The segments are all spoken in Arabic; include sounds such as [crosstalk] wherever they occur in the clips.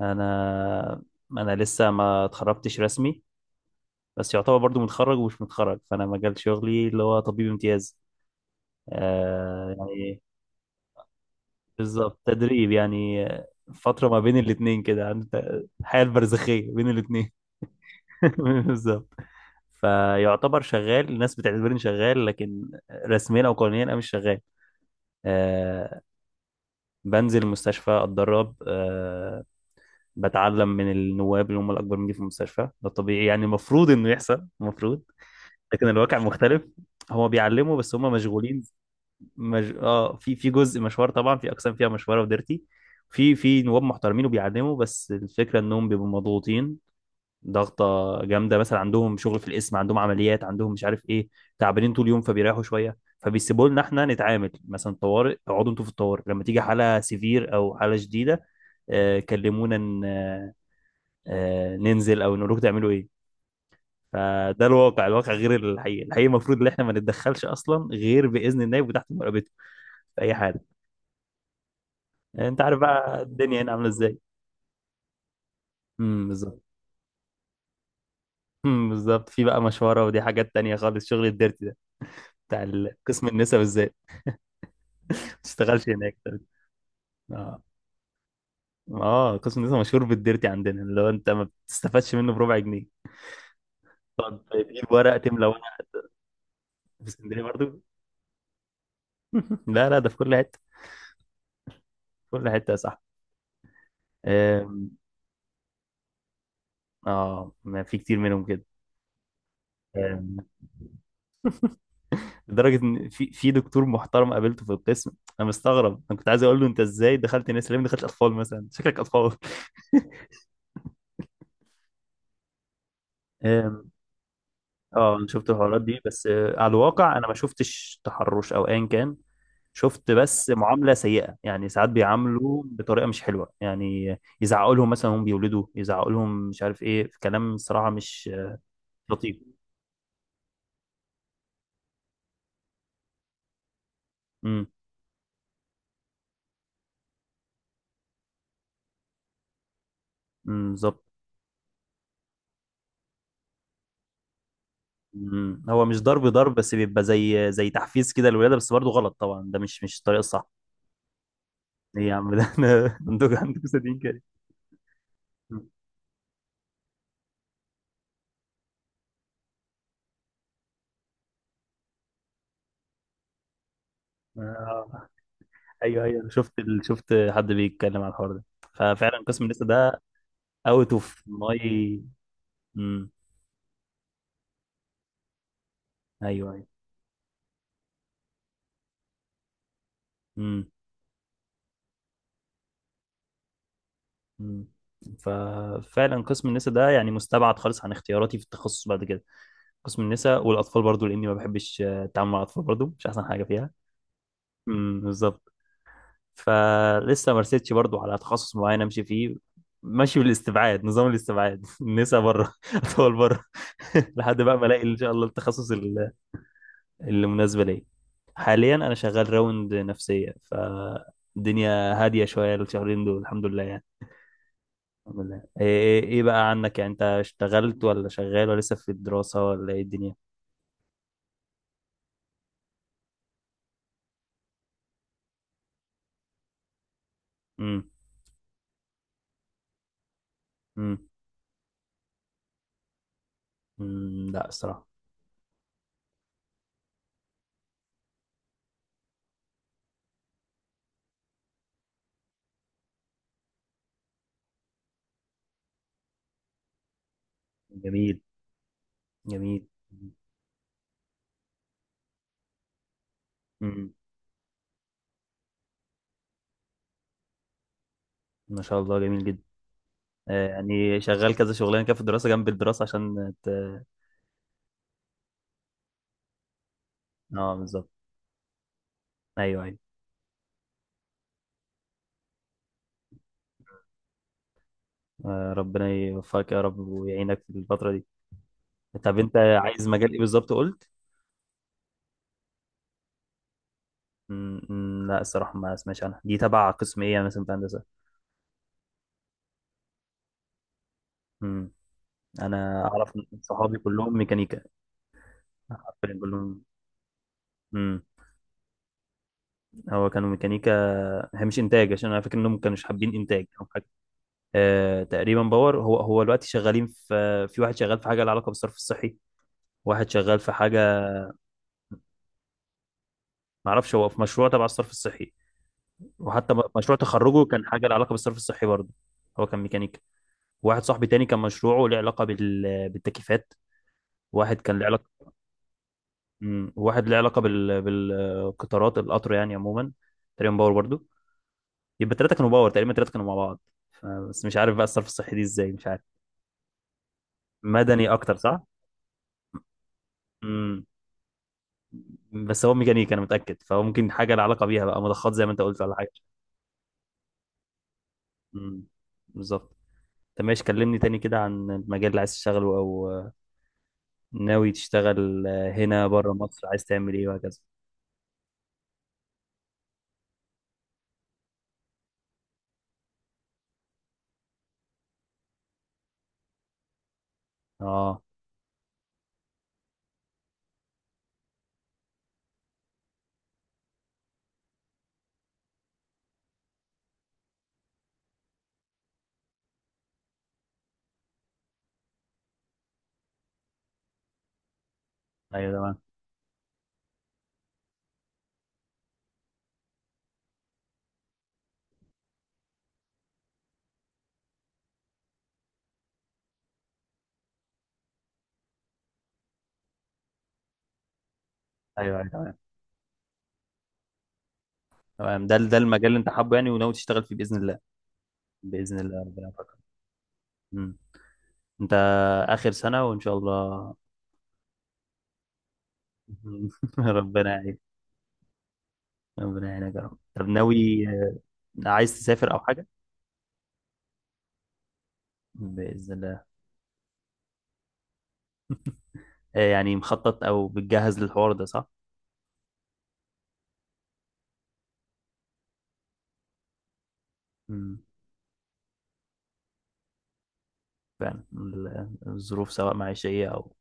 انا انا لسه ما اتخرجتش رسمي، بس يعتبر برضو متخرج ومش متخرج. فانا مجال شغلي اللي هو طبيب امتياز آه يعني. بالظبط، تدريب يعني فترة ما بين الاتنين كده، عند الحياة البرزخية بين الاتنين. [laughs] بالظبط. فيعتبر شغال، الناس بتعتبرني شغال، لكن رسميا او قانونيا انا مش شغال آه. بنزل المستشفى اتدرب آه، بتعلم من النواب اللي هم الاكبر مني في المستشفى. ده طبيعي يعني، المفروض انه يحصل المفروض. لكن الواقع مختلف، هو بيعلموا بس هم مشغولين. مج... اه في جزء مشوار طبعا، في اقسام فيها مشوره وديرتي. في نواب محترمين وبيعلموا، بس الفكره انهم بيبقوا مضغوطين ضغطه جامده. مثلا عندهم شغل في القسم، عندهم عمليات، عندهم مش عارف ايه. تعبانين طول اليوم فبيريحوا شويه، فبيسيبوا لنا احنا نتعامل مثلا طوارئ. اقعدوا انتوا في الطوارئ، لما تيجي حاله سيفير او حاله شديده آه كلمونا، ننزل او نقول لكم تعملوا ايه. فده الواقع، الواقع غير الحقيقي. الحقيقي المفروض ان احنا ما نتدخلش اصلا غير باذن النائب وتحت مراقبته في اي حاله. انت عارف بقى الدنيا هنا عامله ازاي. امم، بالظبط. امم، بالظبط. في بقى مشوره، ودي حاجات تانية خالص. شغل الديرتي ده بتاع قسم النساء بالذات. ما تشتغلش هناك. اه. اه، قسم النساء مشهور بالديرتي عندنا، اللي هو انت ما بتستفادش منه بربع جنيه. تقعد تجيب ورق، تملى ورق. في اسكندريه برضو. لا لا، ده في كل حته، في كل حته يا صاحبي. آم، اه، ما في كتير منهم كده. لدرجه ان في دكتور محترم قابلته في القسم. انا مستغرب، انا كنت عايز اقول له انت ازاي دخلت ناس ليه ما دخلتش اطفال مثلا؟ شكلك اطفال. [laughs] أم، اه انا شفت الحوارات دي، بس على الواقع انا ما شفتش تحرش او ايا كان. شفت بس معامله سيئه يعني. ساعات بيعاملوا بطريقه مش حلوه يعني، يزعقوا لهم مثلا هم بيولدوا، يزعقوا لهم مش عارف ايه. في كلام صراحه مش لطيف. امم. أمم، بالظبط. أمم. هو مش ضرب ضرب، بس بيبقى زي تحفيز كده للولاده، بس برضه غلط طبعا، ده مش الطريقه الصح. ايه يا عم ده؟ [laughs] احنا عندكم صديق كده. آه. ايوه ايوه، شفت شفت حد بيتكلم على الحوار ده، ففعلا قسم لسه ده اوت اوف ماي. امم. ايوه ايوه. امم. امم. ففعلا قسم النساء ده يعني مستبعد خالص عن اختياراتي في التخصص بعد كده. قسم النساء والاطفال برضو، لاني ما بحبش التعامل مع الاطفال، برضو مش احسن حاجه فيها. امم، بالظبط. فلسه ما رسيتش برضو على تخصص معين امشي فيه. ماشي بالاستبعاد، نظام الاستبعاد. [laughs] نسا بره، [laughs] اطول بره. [laughs] لحد بقى ما الاقي ان شاء الله التخصص اللي مناسبه ليا. حاليا انا شغال راوند نفسيه، فالدنيا هاديه شويه الشهرين دول، الحمد لله يعني. الحمد لله. ايه ايه إيه بقى عنك يعني؟ انت اشتغلت ولا شغال ولا لسه في الدراسه ولا ايه الدنيا؟ امم. امم. أمم، لا الصراحه. جميل، جميل. امم. ما شاء الله، جميل جدا. يعني شغال كذا شغلانه كده في الدراسه جنب الدراسه عشان اه بالظبط. ايوه ايوه. ربنا يوفقك يا رب ويعينك في الفتره دي. طب انت عايز مجال ايه بالظبط قلت؟ مم، مم، لا الصراحه ما اسمعش عنها. دي تبع قسم ايه مثلا في هندسه؟ مم. انا اعرف إن صحابي كلهم ميكانيكا. عارفين كلهم. امم. هو كانوا ميكانيكا، هي مش انتاج، عشان انا فاكر انهم ما كانوش حابين انتاج او حاجه. آه، تقريبا باور. هو هو دلوقتي شغالين في، واحد شغال في حاجه لها علاقه بالصرف الصحي، واحد شغال في حاجه. ما اعرفش، هو في مشروع تبع الصرف الصحي، وحتى مشروع تخرجه كان حاجه لها علاقه بالصرف الصحي برضه. هو كان ميكانيكا. واحد صاحبي تاني كان مشروعه له علاقه بالتكييفات. واحد كان له علاقه مم. واحد له علاقه بالقطارات، القطر يعني عموما، تقريبا باور برضه. يبقى الثلاثه كانوا باور تقريبا، الثلاثه كانوا مع بعض. بس مش عارف بقى الصرف الصحي دي ازاي، مش عارف. مدني اكتر صح؟ امم. بس هو ميكانيكا انا متاكد، فهو ممكن حاجه لها علاقه بيها بقى، مضخات زي ما انت قلت ولا حاجه. امم، بالظبط. طب ماشي، كلمني تاني كده عن المجال اللي عايز تشتغله او ناوي تشتغل هنا بره مصر، عايز تعمل ايه وهكذا. اه. ايوه تمام. ايوه ايوه تمام. تمام، ده ده المجال اللي انت حابه يعني وناوي تشتغل فيه باذن الله. باذن الله، ربنا يوفقك. مم. انت اخر سنه وان شاء الله. [laughs] ربنا يعينك. ربنا يعينك يا رب. طب ناوي عايز تسافر او حاجه؟ باذن الله. يعني مخطط او بتجهز للحوار ده، صح. مم. فعلا الظروف، سواء معيشيه او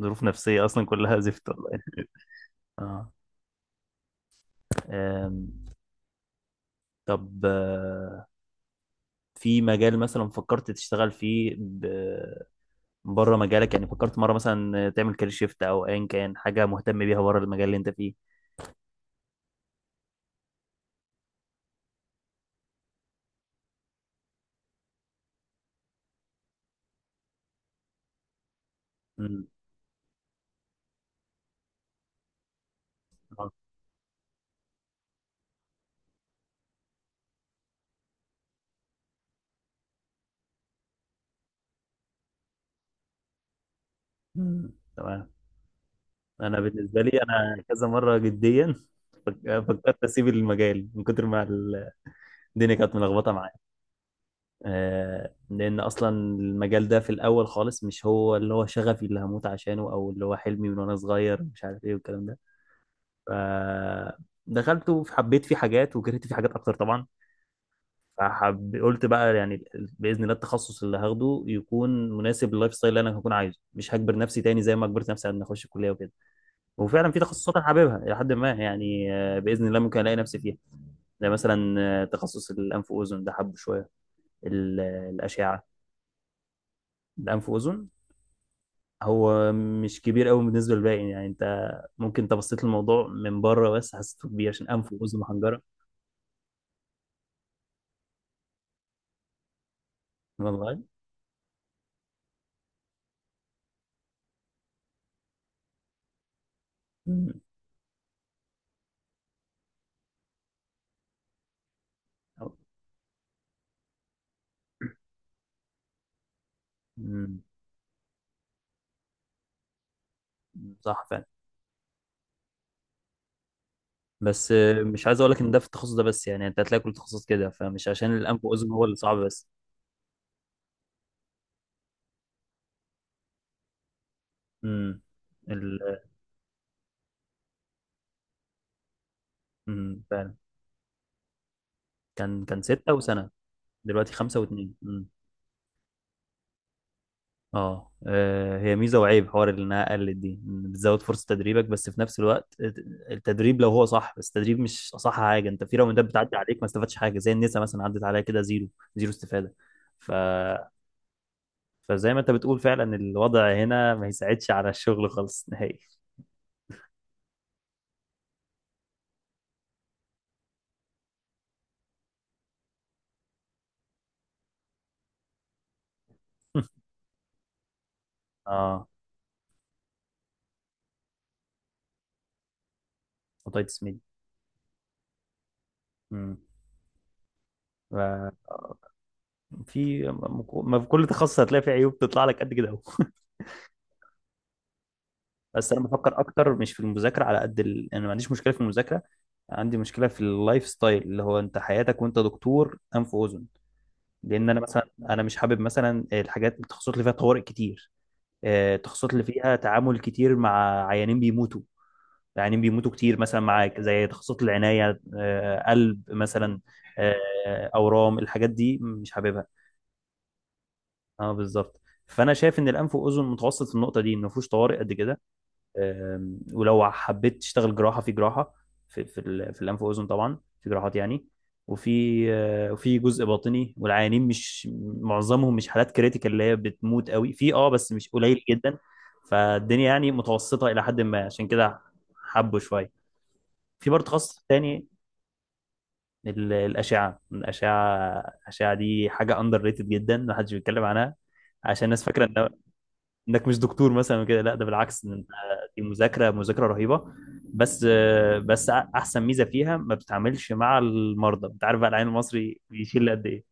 ظروف نفسيه، اصلا كلها [laughs] زفت والله. اه. آم، طب في مجال مثلا فكرت تشتغل فيه بره مجالك؟ يعني فكرت مرة مثلا تعمل كارير شيفت او ايا كان حاجة مهتم بيها بره المجال اللي انت فيه؟ مم. آه. مم. تمام. انا بالنسبة لي انا كذا مرة جديا فكرت اسيب المجال، من كتر ما الدنيا كانت ملخبطة معايا. لان اصلا المجال ده في الاول خالص مش هو اللي هو شغفي اللي هموت عشانه، او اللي هو حلمي من وانا صغير مش عارف ايه والكلام ده. ف- دخلته فحبيت فيه حاجات وكرهت فيه حاجات اكتر طبعا. فحب قلت بقى يعني باذن الله التخصص اللي هاخده يكون مناسب لللايف ستايل اللي انا هكون عايزه، مش هجبر نفسي تاني زي ما جبرت نفسي على ان اخش الكليه وكده. وفعلا في تخصصات انا حاببها الى حد ما يعني، باذن الله ممكن الاقي نفسي فيها. زي مثلا تخصص الانف واذن ده، حبه شويه الاشعه. الانف واذن هو مش كبير قوي بالنسبه للباقي يعني. انت ممكن، انت بصيت للموضوع من بره بس حسيته كبير عشان انف واذن وحنجره. والله. مم. صح فعلا. بس مش عايز اقول لك ان ده في التخصص ده بس، يعني انت هتلاقي كل تخصص كده، فمش عشان الانف واذن هو اللي صعب بس. امم. ال... مم. فعلا. كان كان ستة وسنة، دلوقتي خمسة واتنين. مم. اه هي ميزة وعيب حوار اللي انها قلت دي. مم. بتزود فرصة تدريبك بس في نفس الوقت التدريب لو هو صح، بس التدريب مش اصح حاجة. انت في راوندات بتعدي عليك ما استفادتش حاجة، زي النساء مثلا، عدت عليها كده زيرو، زيرو استفادة. ف فزي ما انت بتقول فعلا، الوضع هنا ما يساعدش على الشغل خالص نهائي. [laughs] اه. اوتيتس ميديا. امم. ف- آه، في ما في كل تخصص هتلاقي فيه عيوب تطلع لك قد كده اهو. [laughs] بس انا بفكر اكتر مش في المذاكره، على قد انا ما عنديش مشكله في المذاكره، عندي مشكله في اللايف ستايل، اللي هو انت حياتك وانت دكتور انف واذن. لان انا مثلا، انا مش حابب مثلا الحاجات التخصصات اللي فيها طوارئ كتير، التخصصات اللي فيها تعامل كتير مع عيانين بيموتوا. يعني بيموتوا كتير مثلا معاك، زي تخصصات العناية، قلب مثلا، أورام، الحاجات دي مش حاببها. اه بالظبط. فأنا شايف إن الأنف وأذن متوسط في النقطة دي، إن مفهوش طوارئ قد كده. آم، ولو حبيت تشتغل جراحة في جراحة، في الأنف وأذن طبعا في جراحات يعني، وفي وفي جزء باطني، والعيانين مش معظمهم مش حالات كريتيكال اللي هي بتموت قوي في اه، بس مش قليل جدا. فالدنيا يعني متوسطة إلى حد ما، عشان كده حبوا شوية. في برضه تخصص تاني، الأشعة. الأشعة دي حاجة أندر ريتد جدا، محدش بيتكلم عنها، عشان الناس فاكرة إن إنك مش دكتور مثلا وكده. لا ده بالعكس، دي مذاكرة رهيبة، بس بس أحسن ميزة فيها ما بتتعاملش مع المرضى. أنت عارف بقى العين المصري بيشيل قد إيه.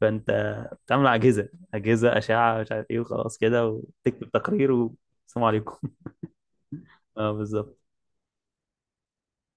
فأنت بتتعامل مع أجهزة أشعة مش عارف إيه، وخلاص كده وتكتب تقرير والسلام عليكم. [laughs] أه بالظبط.